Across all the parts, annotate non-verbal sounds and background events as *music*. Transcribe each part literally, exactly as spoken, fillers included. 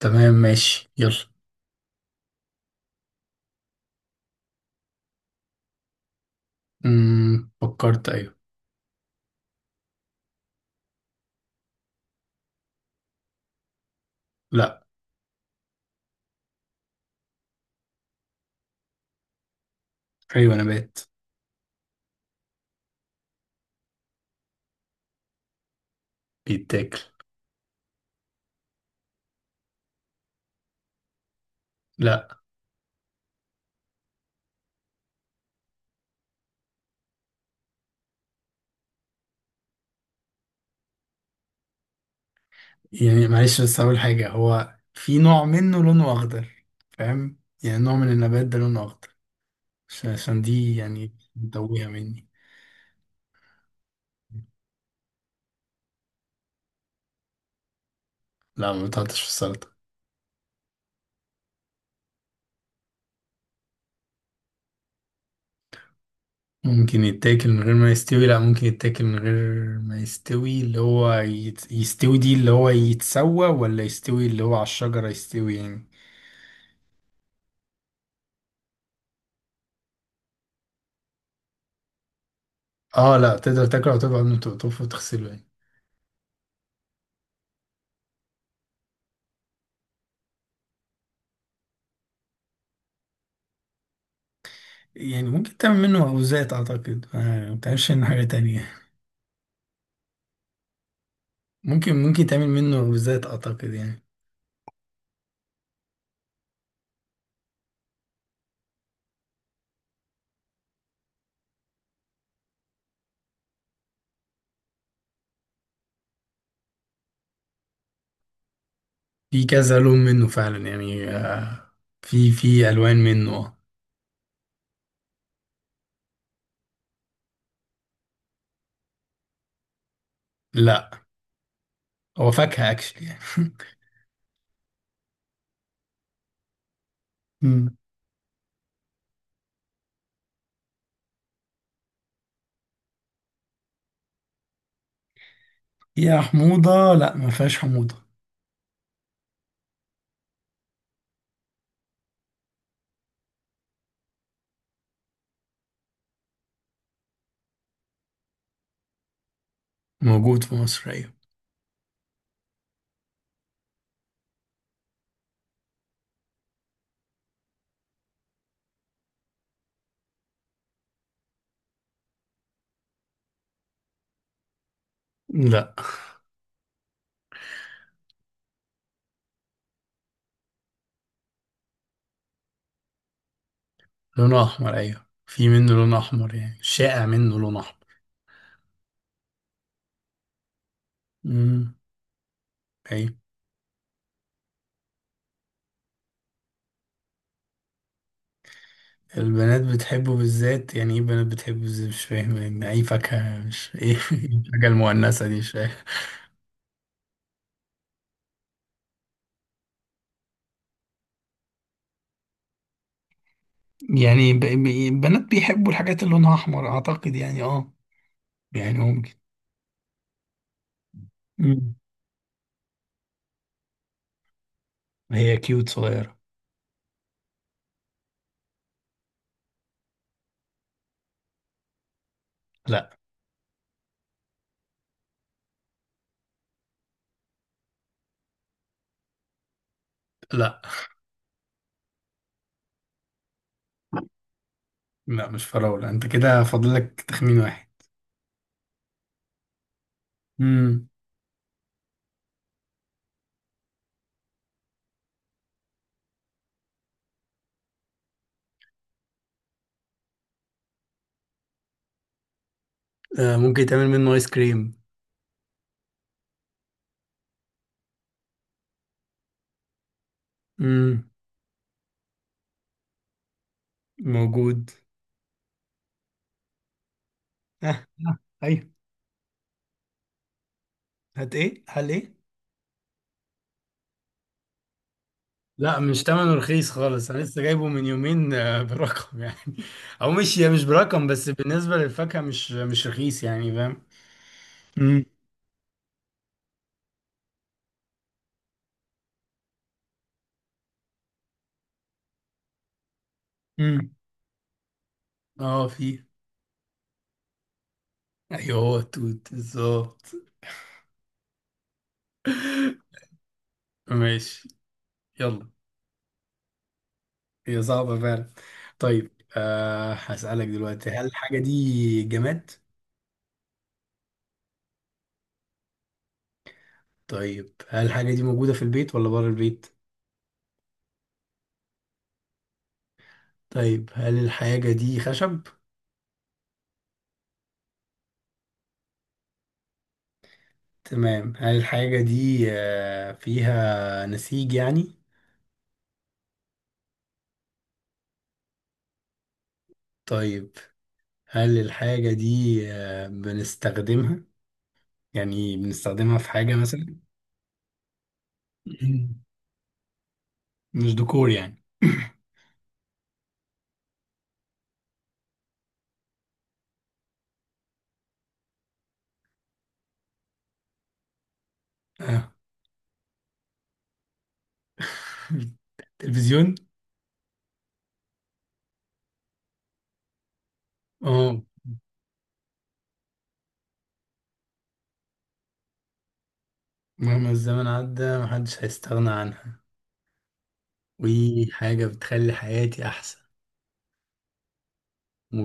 تمام، ماشي، يلا. امم فكرت، ايوه. لا. ايوه، نبات. بيتاكل. لا. يعني معلش، بس اقول حاجه، هو في نوع منه لونه اخضر. فاهم؟ يعني نوع من النبات ده لونه اخضر. عشان عشان دي يعني متوهه مني. لا، ما بتحطش في السلطه. ممكن يتاكل من غير ما يستوي، لا، ممكن يتاكل من غير ما يستوي، اللي هو يت... يستوي دي، اللي هو يتسوى ولا يستوي، اللي هو على الشجره يستوي يعني. اه، لا، تقدر تاكله وتبقى من تقطفه وتغسله يعني. يعني ممكن تعمل منه مخبوزات اعتقد، آه، ما بتعملش منه حاجة تانية. ممكن ممكن تعمل منه مخبوزات اعتقد يعني. في كذا لون منه فعلا يعني، آه، في في الوان منه آه. لا، هو فاكهة اكشلي يعني. *laughs* مم. يا حموضة، لا، ما فيهاش حموضة. موجود في مصر، ايوه. لا. لونه احمر، ايوه، في منه لون احمر، يعني شائع منه لون احمر. امم. البنات بتحبه بالذات؟ يعني ايه البنات بتحبه بالذات؟ مش فاهم يعني اي فاكهة، مش ايه. *laughs* إيه الحاجة المؤنثة دي؟ مش فاهم. يعني ب- ب- البنات بيحبوا الحاجات اللي لونها احمر اعتقد، يعني اه، يعني ممكن. مم. هي كيوت صغيرة. لا، لا، لا، مش فراولة، انت كده فاضلك تخمين واحد. امم. آه ممكن تعمل منه ايس كريم. امم. موجود. آه. آه. ايوه. هات ايه؟ هل ايه؟ لا، مش تمنه رخيص خالص، انا لسه جايبه من يومين، آه، برقم يعني. *laughs* او مش مش برقم، بس بالنسبه للفاكهه مش مش رخيص، يعني فاهم؟ امم. امم. اه، في. *laughs* ايوه، هو التوت بالظبط. *laughs* ماشي. يلا. هي صعبه فعلا. طيب، أه هسألك دلوقتي، هل الحاجه دي جماد؟ طيب، هل الحاجه دي موجوده في البيت ولا بره البيت؟ طيب، هل الحاجه دي خشب؟ تمام، هل الحاجه دي آه، فيها نسيج يعني؟ طيب، هل الحاجة دي آه، بنستخدمها، يعني بنستخدمها في حاجة مثلا؟ *clears throat* مش ديكور يعني. *clears throat* *coughs* آه. *laughs* تلفزيون. اه، مهما الزمن عدى محدش هيستغنى عنها، وحاجة بتخلي حياتي أحسن، و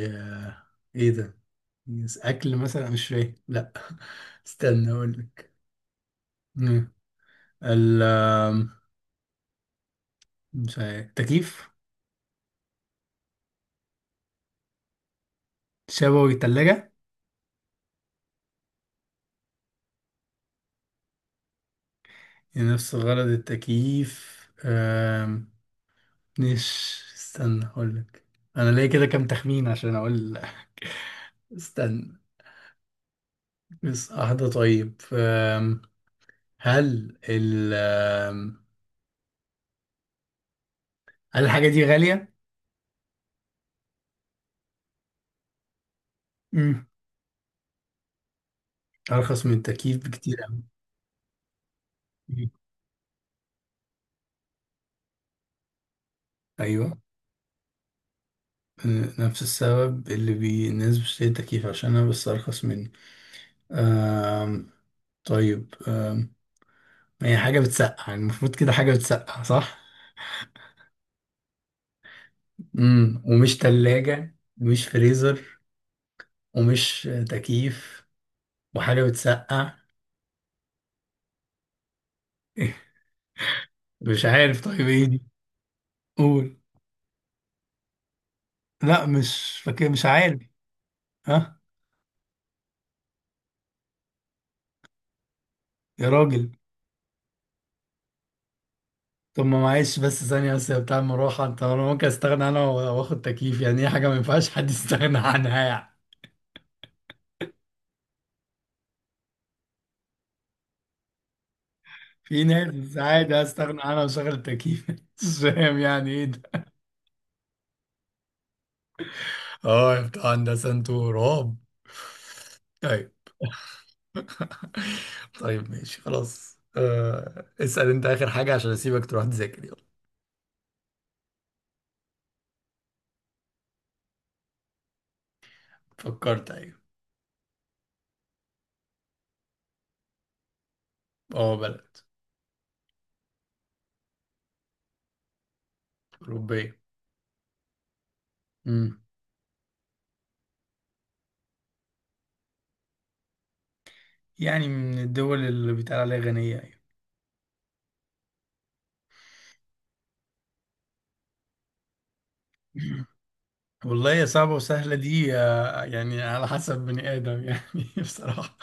آه، إيه ده؟ أكل مثلا؟ مش فاهم، لأ. *laughs* استنى أقولك. مم. ال آم، مش عارف، تكييف. شبوي تلاجة. نفس غرض التكييف، آم، مش، استنى اقولك. انا ليا كده كام تخمين عشان اقول لك. *laughs* استنى، بس واحدة. طيب، أم، هل ال أم، هل الحاجة دي غالية؟ مم. أرخص من التكييف بكتير أوي. مم. أيوه. أه، نفس السبب اللي بي... الناس بتشتري التكييف عشانها، بس أرخص مني. أم... طيب، أم... هي حاجة بتسقع، المفروض كده، حاجة بتسقع، صح؟ امم، ومش تلاجة، مش فريزر، ومش تكييف، وحاجة بتسقع. *laughs* إيه؟ مش عارف، طيب ايه دي؟ قول. لا، مش فاكر، مش عارف. ها. يا راجل. طب، ما معلش بس ثانية، بس يا بتاع المروحة، انت انا ممكن استغنى انا وا- واخد تكييف، يعني ايه حاجة ما ينفعش حد *laughs* يستغنى عنها يعني. في ناس عادي استغنى عنها وشغل التكييف، *laughs* مش فاهم يعني ايه ده. اه، يا بتاع هندسة، انتوا رعب. طيب. *laughs* طيب، ماشي، خلاص، آه، اسأل انت اخر حاجة عشان اسيبك تروح تذاكر، يلا. فكرت، ايوه. اه، بلد. اوروبية. امم. يعني من الدول اللي بيتقال عليها غنية يعني. والله، يا صعبة وسهلة دي، آه، يعني على حسب بني آدم يعني، *laughs* بصراحة.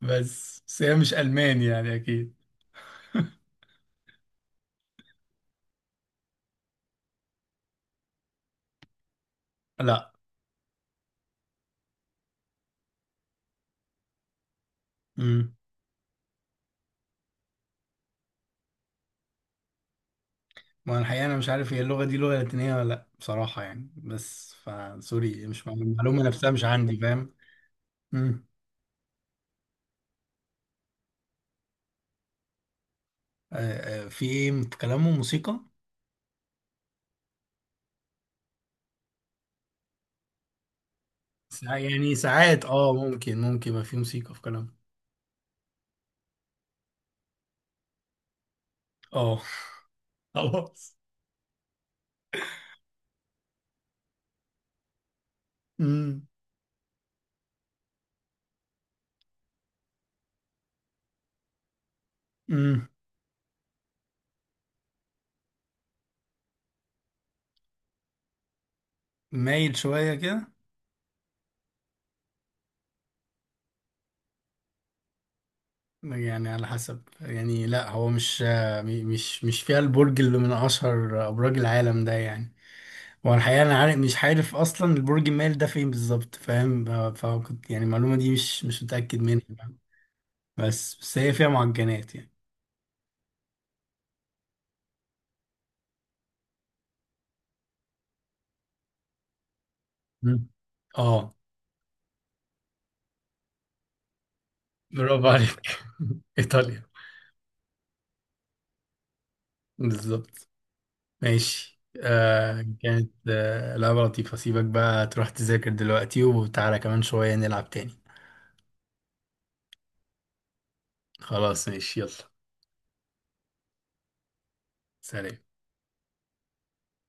بس بس هي مش ألماني يعني، أكيد. لا. امم. ما أنا الحقيقة، أنا مش عارف هي اللغة دي لغة لاتينية ولا لأ، بصراحة يعني، بس فسوري مش معلومة، المعلومة نفسها مش عندي، فاهم؟ آه، آه، في ايه، في كلامه موسيقى. ساع- يعني ساعات، اه، ممكن ممكن ما في موسيقى في كلامه. اه. *laughs* خلاص. امم. امم. مايل شوية كده. يعني على حسب، يعني لا، هو مش، آه، م- مش مش فيها البرج اللي من اشهر ابراج العالم ده يعني. هو الحقيقة انا عارف مش عارف اصلا البرج المايل ده فين بالظبط، فاهم؟ آه، فكنت يعني المعلومة دي مش مش متأكد منها يعني. بس بس هي فيها معجنات يعني. مم. اه، برافو عليك. *laughs* ايطاليا. بالظبط. ماشي، آه كانت آه لعبة لطيفة، سيبك بقى تروح تذاكر دلوقتي وتعالى كمان شوية نلعب تاني. خلاص، ماشي، يلا. سلام.